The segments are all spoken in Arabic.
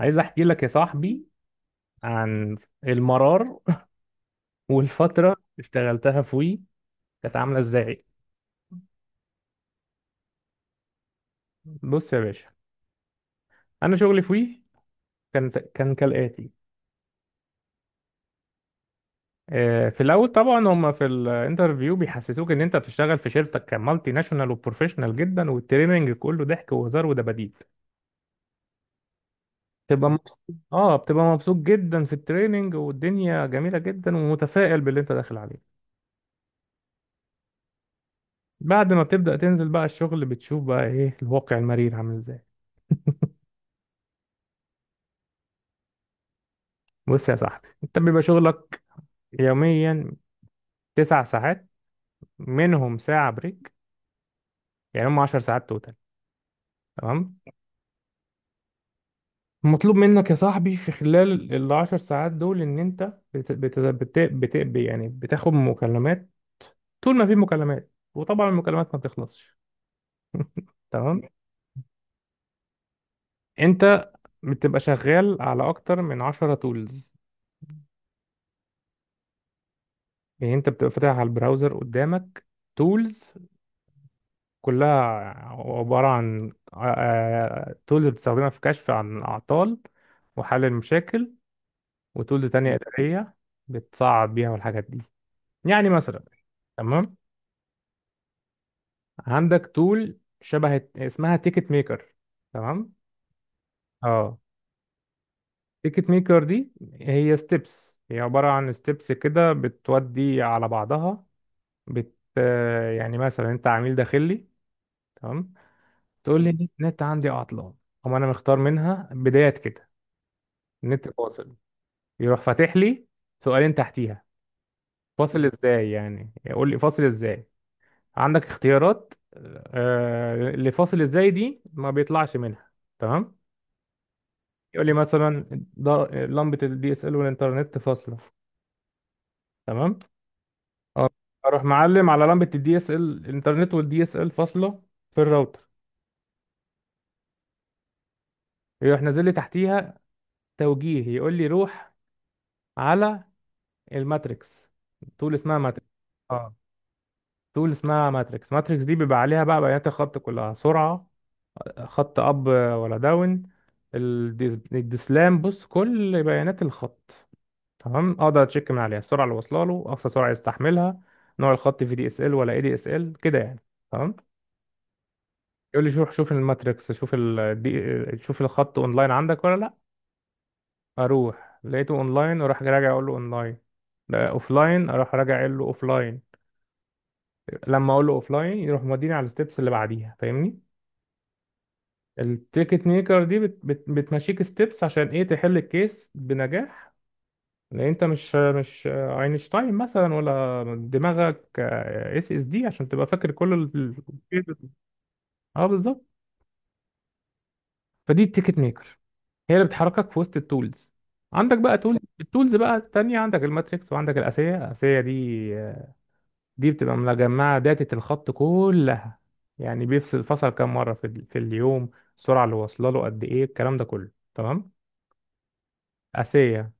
عايز احكي لك يا صاحبي عن المرار والفترة اللي اشتغلتها في وي كانت عاملة ازاي. بص يا باشا، انا شغلي في وي كان كالآتي. في الاول طبعا هم في الانترفيو بيحسسوك ان انت بتشتغل في شركتك كمالتي ناشونال وبروفيشنال جدا، والتريننج كله ضحك وهزار ودباديب، تبقى مبسوط. اه، بتبقى مبسوط جدا في التريننج والدنيا جميلة جدا ومتفائل باللي انت داخل عليه. بعد ما بتبدأ تنزل بقى الشغل بتشوف بقى ايه الواقع المرير عامل ازاي. بص يا صاحبي، انت بيبقى شغلك يوميا 9 ساعات، منهم ساعة بريك، يعني هم 10 ساعات توتال، تمام. مطلوب منك يا صاحبي في خلال العشر ساعات دول ان انت يعني بتاخد مكالمات طول ما في مكالمات، وطبعا المكالمات ما بتخلصش، تمام. انت بتبقى شغال على اكتر من 10 تولز. يعني انت بتبقى فاتح على البراوزر قدامك تولز، كلها عبارة عن تولز بتستخدمها في كشف عن الأعطال وحل المشاكل، وتولز تانية إدارية بتصعب بيها الحاجات دي. يعني مثلا، تمام، عندك تول شبه اسمها تيكت ميكر، تمام. اه، تيكت ميكر دي هي ستيبس، هي عبارة عن ستيبس كده بتودي على بعضها. بت آه، يعني مثلا انت عميل داخلي، تمام، تقول لي النت عندي عطلان. أقوم انا مختار منها بداية كده النت فاصل. يروح فاتح لي سؤالين تحتيها، فاصل ازاي؟ يعني يقول لي فاصل ازاي. عندك اختيارات. آه، اللي فاصل ازاي دي ما بيطلعش منها، تمام. يقول لي مثلا، ض- لمبة الدي اس ال والانترنت فاصلة، تمام. أه، اروح معلم على لمبة الدي اس ال، الانترنت والدي اس ال فاصلة في الراوتر. يروح نازل لي تحتيها توجيه، يقول لي روح على الماتريكس. طول اسمها ماتريكس. أه. تول اسمها ماتريكس. ماتريكس دي بيبقى عليها بقى بيانات الخط كلها، سرعة خط أب ولا داون، الدسلام، بص كل بيانات الخط، تمام. أقدر أتشيك من عليها السرعة اللي واصلة له، أقصى سرعة يستحملها، نوع الخط في دي اس ال ولا اي دي اس ال كده يعني، تمام. يقول لي شوف، شوف الماتريكس، شوف ال دي، شوف الخط اونلاين عندك ولا لا. اروح لقيته اونلاين اروح راجع اقول له اونلاين، اوفلاين اروح راجع اقول له اوفلاين. لما اقول له اوفلاين يروح موديني على الستبس اللي بعديها، فاهمني. التيكت ميكر دي بت بت بتمشيك ستيبس عشان ايه؟ تحل الكيس بنجاح. لان انت مش اينشتاين مثلا، ولا دماغك اس اس دي عشان تبقى فاكر كل ال- اه بالظبط. فدي التيكت ميكر هي اللي بتحركك في وسط التولز. عندك بقى تولز، التولز بقى التانية عندك الماتريكس وعندك الاسية. الاسية دي دي بتبقى مجمعة داتا الخط كلها، يعني بيفصل فصل كام مرة في اليوم، السرعة اللي واصلة له قد ايه، الكلام ده كله تمام. اسية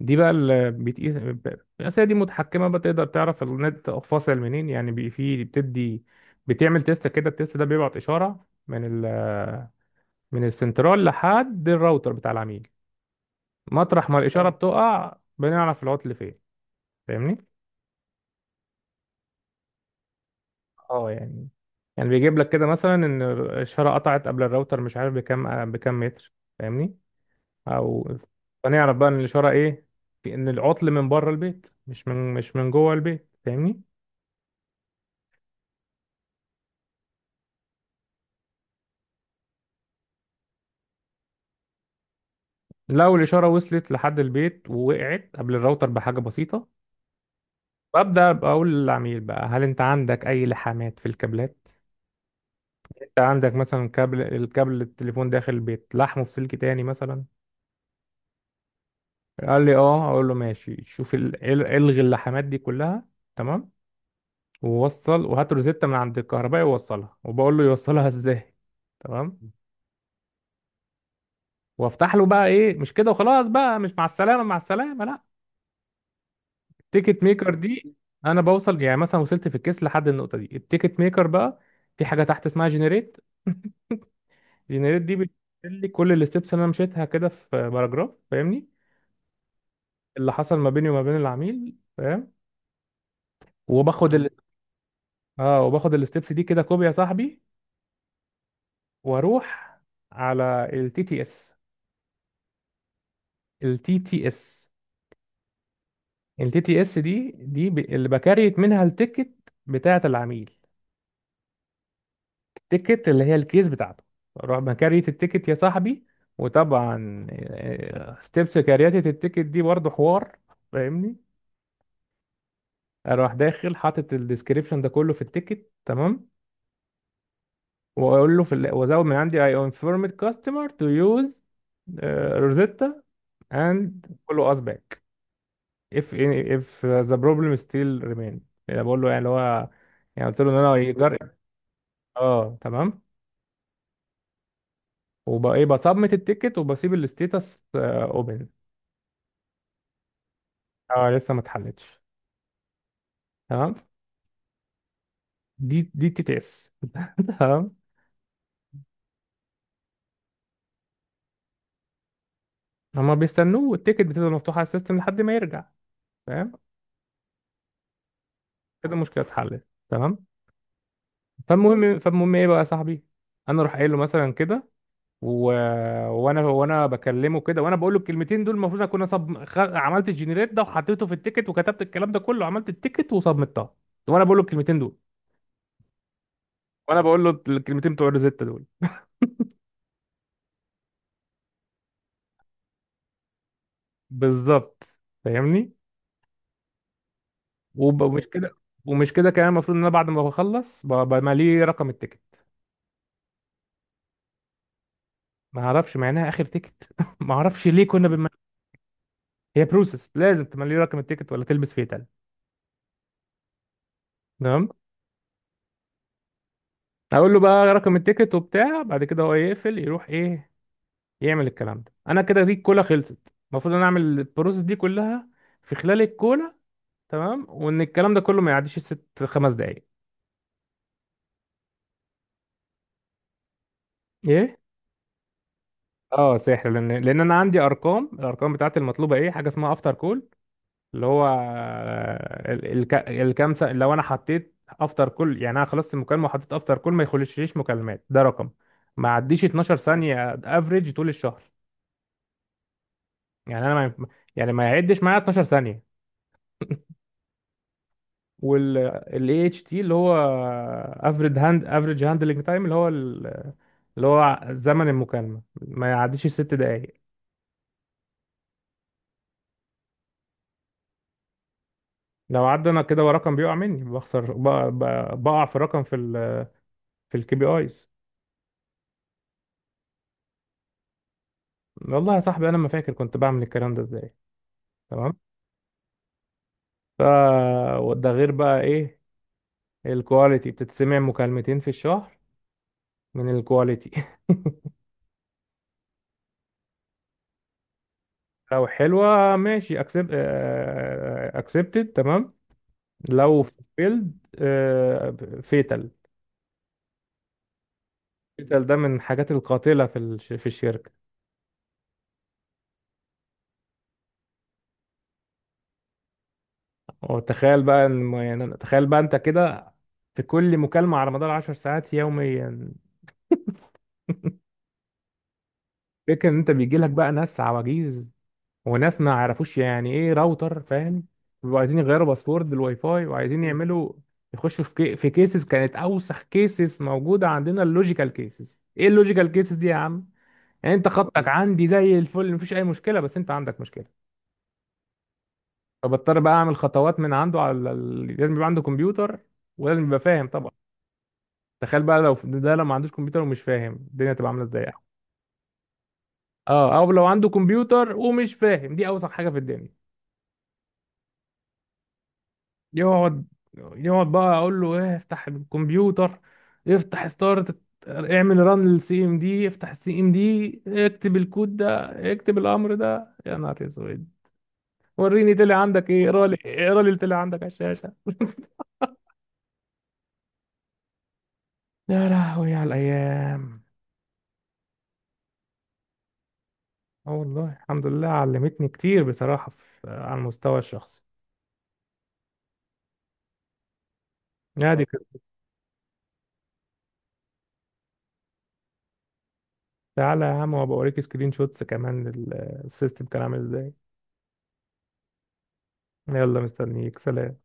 دي بقى اللي بتقيس الأسئلة دي متحكمة بقى، تقدر تعرف النت فاصل منين. يعني في بتدي بتعمل تيست كده، التيست ده بيبعت إشارة من من السنترال لحد الراوتر بتاع العميل. مطرح ما الإشارة بتقع بنعرف العطل فين، فاهمني؟ اه يعني، يعني بيجيب لك كده مثلا إن الإشارة قطعت قبل الراوتر، مش عارف بكام متر، فاهمني؟ أو فنعرف بقى إن الإشارة إيه؟ في إن العطل من بره البيت مش من جوه البيت، فاهمني؟ لو الإشارة وصلت لحد البيت ووقعت قبل الراوتر بحاجة بسيطة، ببدأ بقول للعميل بقى هل أنت عندك أي لحامات في الكابلات؟ أنت عندك مثلا كابل، الكابل التليفون داخل البيت لحمه في سلك تاني مثلا. قال لي أه، أقول له ماشي، شوف إلغي اللحامات دي كلها، تمام. ووصل وهات روزيتا من عند الكهربائي ووصلها، وبقول له يوصلها إزاي، تمام. وافتح له بقى إيه؟ مش كده وخلاص بقى؟ مش مع السلامة، مع السلامة، لا. التيكت ميكر دي، انا بوصل يعني مثلا وصلت في الكيس لحد النقطه دي، التيكت ميكر بقى في حاجه تحت اسمها جنريت. جنريت دي بتقول لي كل الستبس اللي انا مشيتها كده في باراجراف، فاهمني، اللي حصل ما بيني وما بين العميل، فاهم. وباخد ال... اه وباخد الستبس دي كده كوبي يا صاحبي، واروح على التي تي اس. التي تي اس، التي تي اس دي اللي بكريت منها التيكت بتاعه العميل، التيكت اللي هي الكيس بتاعته. اروح بكارية التيكت يا صاحبي، وطبعا ستيبس كارياتة التيكت دي برضه حوار، فاهمني. اروح داخل حاطط الديسكريبشن ده كله في التيكت، تمام. واقول له في وازود من عندي: I informed customer to use Rosetta and follow us back if the problem still remain. يعني بقول له، يعني اللي هو يعني قلت له ان انا يجرب. اه، تمام. وبقى ايه؟ بصمت التيكت وبسيب الستيتس اوبن. اه لسه ما اتحلتش، تمام. دي تي تي اس تمام. هما بيستنوه والتيكت بتفضل مفتوحه على السيستم لحد ما يرجع، فاهم. كده المشكله اتحلت، تمام. فالمهم ايه بقى يا صاحبي؟ انا اروح قايل له مثلا كده، و... وانا بكلمه كده، وانا بقول له الكلمتين دول، المفروض اكون عملت الجنريت ده وحطيته في التيكت وكتبت الكلام ده كله، عملت التيكت وصمتها، وانا بقول له الكلمتين دول. وانا بقول له الكلمتين بتوع الريزيتا دول بالظبط، فاهمني. ومش كده، ومش كده كمان. المفروض ان انا بعد ما بخلص بماليه رقم التيكت. ما اعرفش، مع انها اخر تيكت ما اعرفش ليه كنا بنملي. هي بروسس لازم تمليه رقم التيكت ولا تلبس فيه تلج، تمام. اقول له بقى رقم التيكت وبتاع، بعد كده هو يقفل يروح ايه يعمل الكلام ده. انا كده دي الكولا خلصت. المفروض ان انا اعمل البروسس دي كلها في خلال الكولا، تمام. وان الكلام ده كله ما يعديش الست خمس دقايق. ايه؟ اه سحر. لان انا عندي ارقام، الارقام بتاعت المطلوبه ايه؟ حاجه اسمها افتر كول، اللي هو الكام سنة؟ لو انا حطيت افتر كل، يعني انا خلصت المكالمه وحطيت افتر كل ما يخشليش مكالمات، ده رقم ما عديش 12 ثانيه افريج طول الشهر. يعني انا ما، يعني ما يعدش معايا 12 ثانيه. وال اي اتش تي، اللي هو افريج هاندلنج تايم، اللي هو اللي هو زمن المكالمه ما يعديش الست دقائق. لو عدى انا كده ورقم بيقع مني، بخسر، بقع في الرقم في في الكي بي ايز. والله يا صاحبي انا ما فاكر كنت بعمل الكلام ده ازاي، تمام. فده غير بقى ايه؟ الكواليتي بتتسمع مكالمتين في الشهر من الكواليتي لو حلوة ماشي، اكسبت، اكسبتد، تمام. لو فيلد، فيتال. فيتال ده من الحاجات القاتلة في في الشركة. وتخيل بقى يعني تخيل بقى انت كده في كل مكالمة على مدار 10 ساعات يوميا. فكرة ان انت بيجي لك بقى ناس عواجيز وناس ما عرفوش يعني ايه راوتر، فاهم، بيبقوا عايزين يغيروا باسورد الواي فاي وعايزين يعملوا، يخشوا في في كيسز. كانت اوسخ كيسز موجوده عندنا اللوجيكال كيسز. ايه اللوجيكال كيسز دي يا عم؟ يعني انت خطك عندي زي الفل مفيش اي مشكله، بس انت عندك مشكله. فبضطر بقى اعمل خطوات من عنده على لازم يبقى عنده كمبيوتر، ولازم يبقى فاهم طبعا. تخيل بقى لو ده، لو ما عندوش كمبيوتر ومش فاهم، الدنيا تبقى عامله ازاي يعني؟ اه او لو عنده كمبيوتر ومش فاهم دي اوسخ حاجه في الدنيا. يقعد يقعد بقى اقول له ايه؟ افتح الكمبيوتر، افتح ستارت، اعمل ران للسي ام دي، افتح السي ام دي، اكتب الكود ده، اكتب الامر ده. يا نهار اسود، وريني طلع عندك ايه، اقرا لي، اقرا لي اللي طلع عندك على الشاشه. يا لهوي على الايام. اه والله الحمد لله، علمتني كتير بصراحه، في على المستوى الشخصي. نادي كده، تعالى يا عم وابقى اوريك سكرين شوتس كمان السيستم كان عامل ازاي. يلا مستنيك، سلام.